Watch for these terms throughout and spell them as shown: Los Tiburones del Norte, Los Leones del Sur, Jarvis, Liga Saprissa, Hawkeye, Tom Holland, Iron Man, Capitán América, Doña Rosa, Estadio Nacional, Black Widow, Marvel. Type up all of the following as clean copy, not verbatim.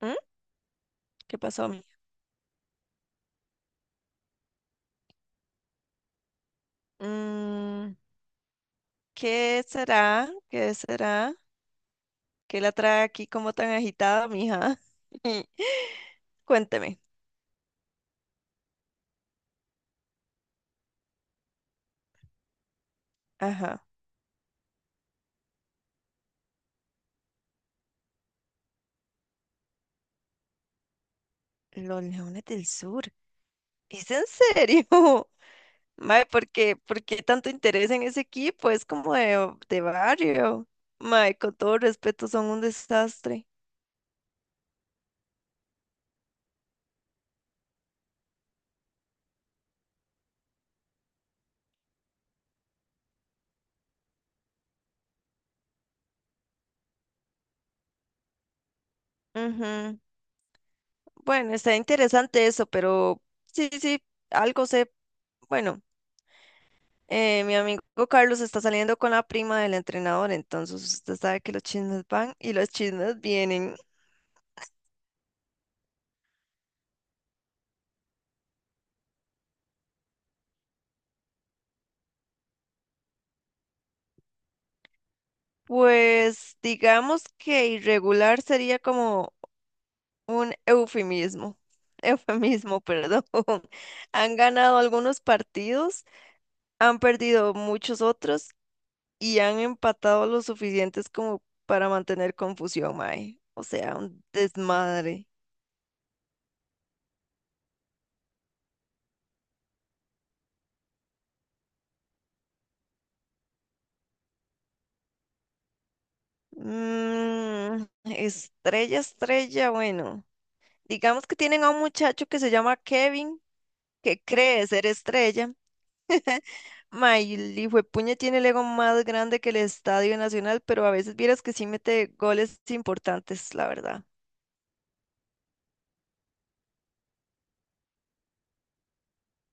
¿Mm? ¿Qué pasó, mía? Mm, ¿qué será? ¿Qué será? ¿Qué la trae aquí como tan agitada, mija? Cuénteme. Ajá. Los leones del sur. ¿Es en serio? Mae, ¿por qué tanto interés en ese equipo? Es como de barrio. Mae, con todo respeto, son un desastre. Ujú. Bueno, está interesante eso, pero sí, sí, algo sé. Bueno. Mi amigo Carlos está saliendo con la prima del entrenador, entonces usted sabe que los chismes van y los chismes vienen. Pues digamos que irregular sería como un eufemismo, eufemismo, perdón. Han ganado algunos partidos, han perdido muchos otros y han empatado lo suficientes como para mantener confusión, mae. O sea, un desmadre. Mm, estrella, estrella, bueno. Digamos que tienen a un muchacho que se llama Kevin, que cree ser estrella. Ma, y el hijuepuña tiene el ego más grande que el Estadio Nacional, pero a veces vieras que sí mete goles importantes, la verdad.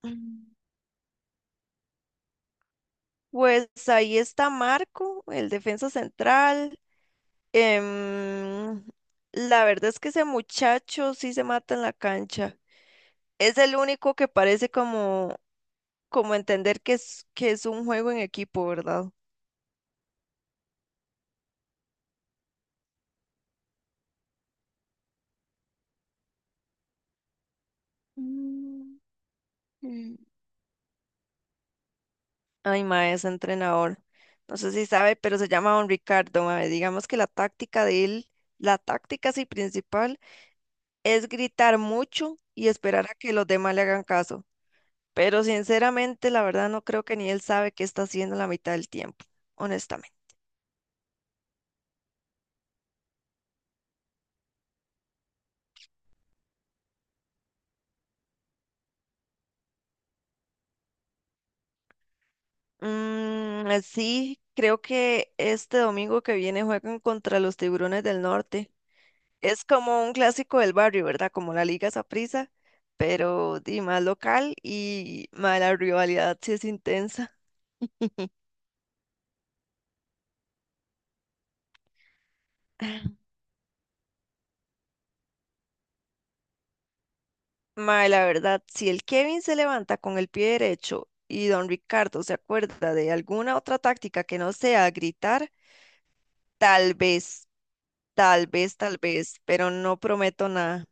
Mm. Pues ahí está Marco, el defensa central. Em, la verdad es que ese muchacho sí se mata en la cancha. Es el único que parece como, como entender que es un juego en equipo, ¿verdad? Ay, mae, es entrenador. No sé si sabe, pero se llama Don Ricardo, mae. Digamos que la táctica de él, la táctica sí principal, es gritar mucho y esperar a que los demás le hagan caso. Pero sinceramente, la verdad, no creo que ni él sabe qué está haciendo la mitad del tiempo, honestamente. Mm, sí, creo que este domingo que viene juegan contra los Tiburones del Norte. Es como un clásico del barrio, ¿verdad? Como la Liga Saprissa, pero di, más local y mae, la rivalidad sí es intensa. Mae, la verdad, si el Kevin se levanta con el pie derecho y don Ricardo se acuerda de alguna otra táctica que no sea gritar, tal vez, tal vez, tal vez, pero no prometo nada.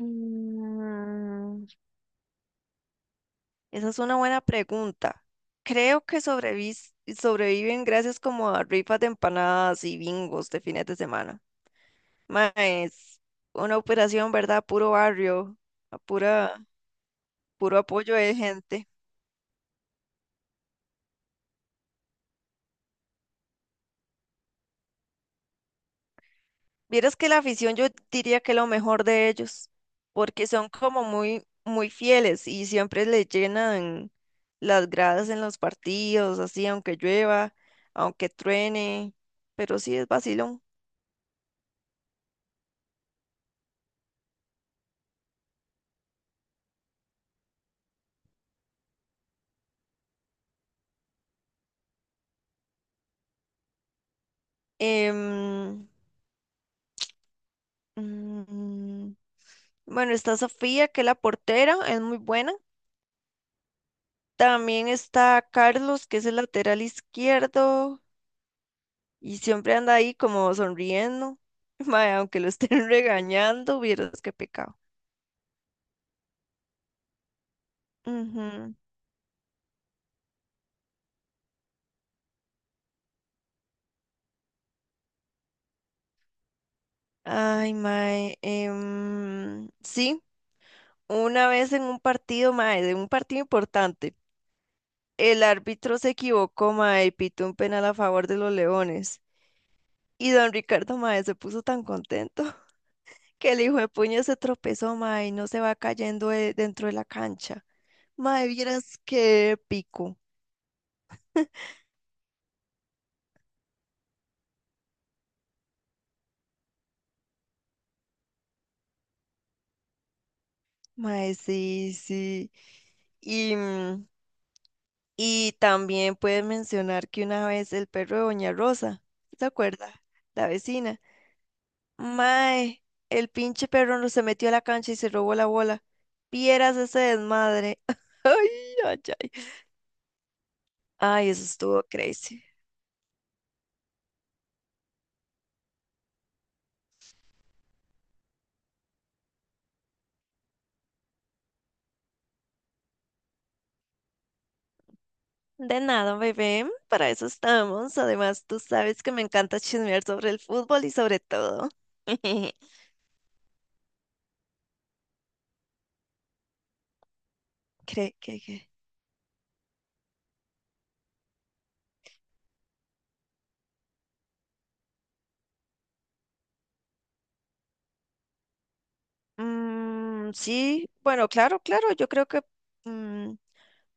Mm, esa es una buena pregunta. Creo que sobreviven gracias como a rifas de empanadas y bingos de fines de semana. Más una operación, ¿verdad? Puro barrio, a pura, puro apoyo de gente. Vieras que la afición yo diría que lo mejor de ellos, porque son como muy, muy fieles y siempre le llenan las gradas en los partidos, así, aunque llueva, aunque truene, pero sí es vacilón. Em, Mm, bueno, está Sofía, que es la portera, es muy buena. También está Carlos, que es el lateral izquierdo y siempre anda ahí como sonriendo. Mae, aunque lo estén regañando, vieras qué pecado. Ujú. Ay, mae. Sí, una vez en un partido, mae, de un partido importante, el árbitro se equivocó, mae, y pitó un penal a favor de los Leones. Y don Ricardo, mae, se puso tan contento, que el hijo de puña se tropezó, mae, y no se va cayendo dentro de la cancha. Mae, vieras qué pico. Mae, sí, sí. Y, mm, y también puedes mencionar que una vez el perro de Doña Rosa, ¿se acuerda? La vecina. Mae, el pinche perro no se metió a la cancha y se robó la bola. Vieras ese desmadre. Ay, ay, ay. Ay, eso estuvo crazy. De nada, bebé, para eso estamos. Además, tú sabes que me encanta chismear sobre el fútbol y sobre todo. ¿Cree que- mm, sí, bueno, claro, claro, yo creo que mm,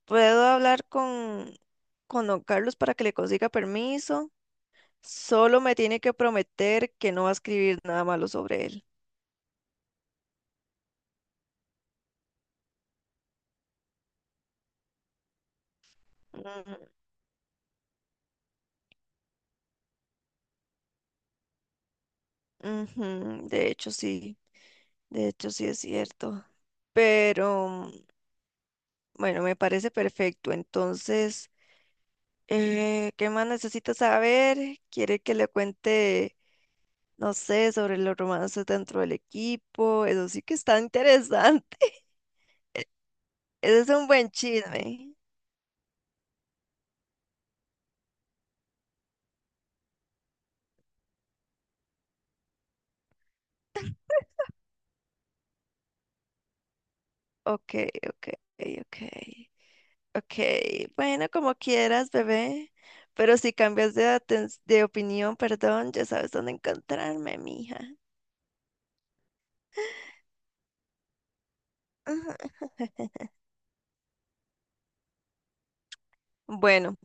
puedo hablar con don Carlos para que le consiga permiso. Solo me tiene que prometer que no va a escribir nada malo sobre él. Mm, Ujú. De hecho, sí es cierto. Pero, mm, bueno, me parece perfecto. Entonces... ¿Qué más necesita saber? ¿Quiere que le cuente, no sé, sobre los romances dentro del equipo? Eso sí que está interesante. Ese es un buen chisme. Ok, ok, ok. Ok, bueno, como quieras, bebé. Pero si cambias de, de opinión, perdón, ya sabes dónde encontrarme, mija. Ajá. Bueno.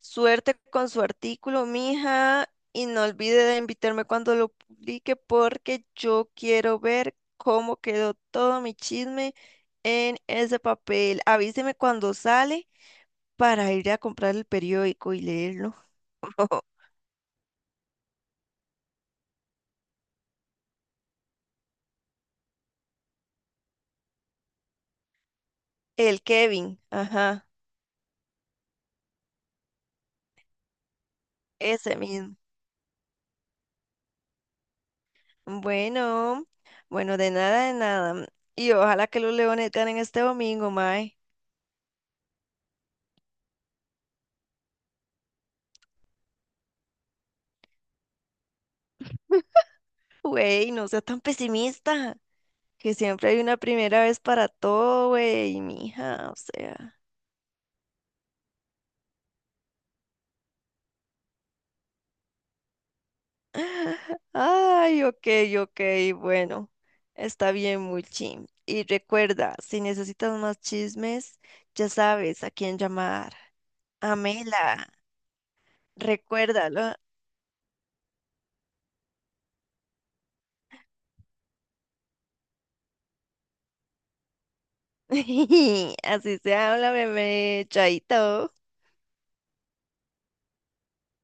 Suerte con su artículo, mija, y no olvide de invitarme cuando lo publique porque yo quiero ver cómo quedó todo mi chisme en ese papel. Avíseme cuando sale para ir a comprar el periódico y leerlo. El Kevin, ajá, ese mismo. Bueno, bueno, de nada, de nada. Y ojalá que los leones ganen este domingo, mae. Güey, no sea tan pesimista. Que siempre hay una primera vez para todo, güey, mija, o sea. Ay, ok, ok, bueno, está bien, Mulchi. Y recuerda, si necesitas más chismes, ya sabes a quién llamar. Amela, recuérdalo. Así se habla, bebé, chaito.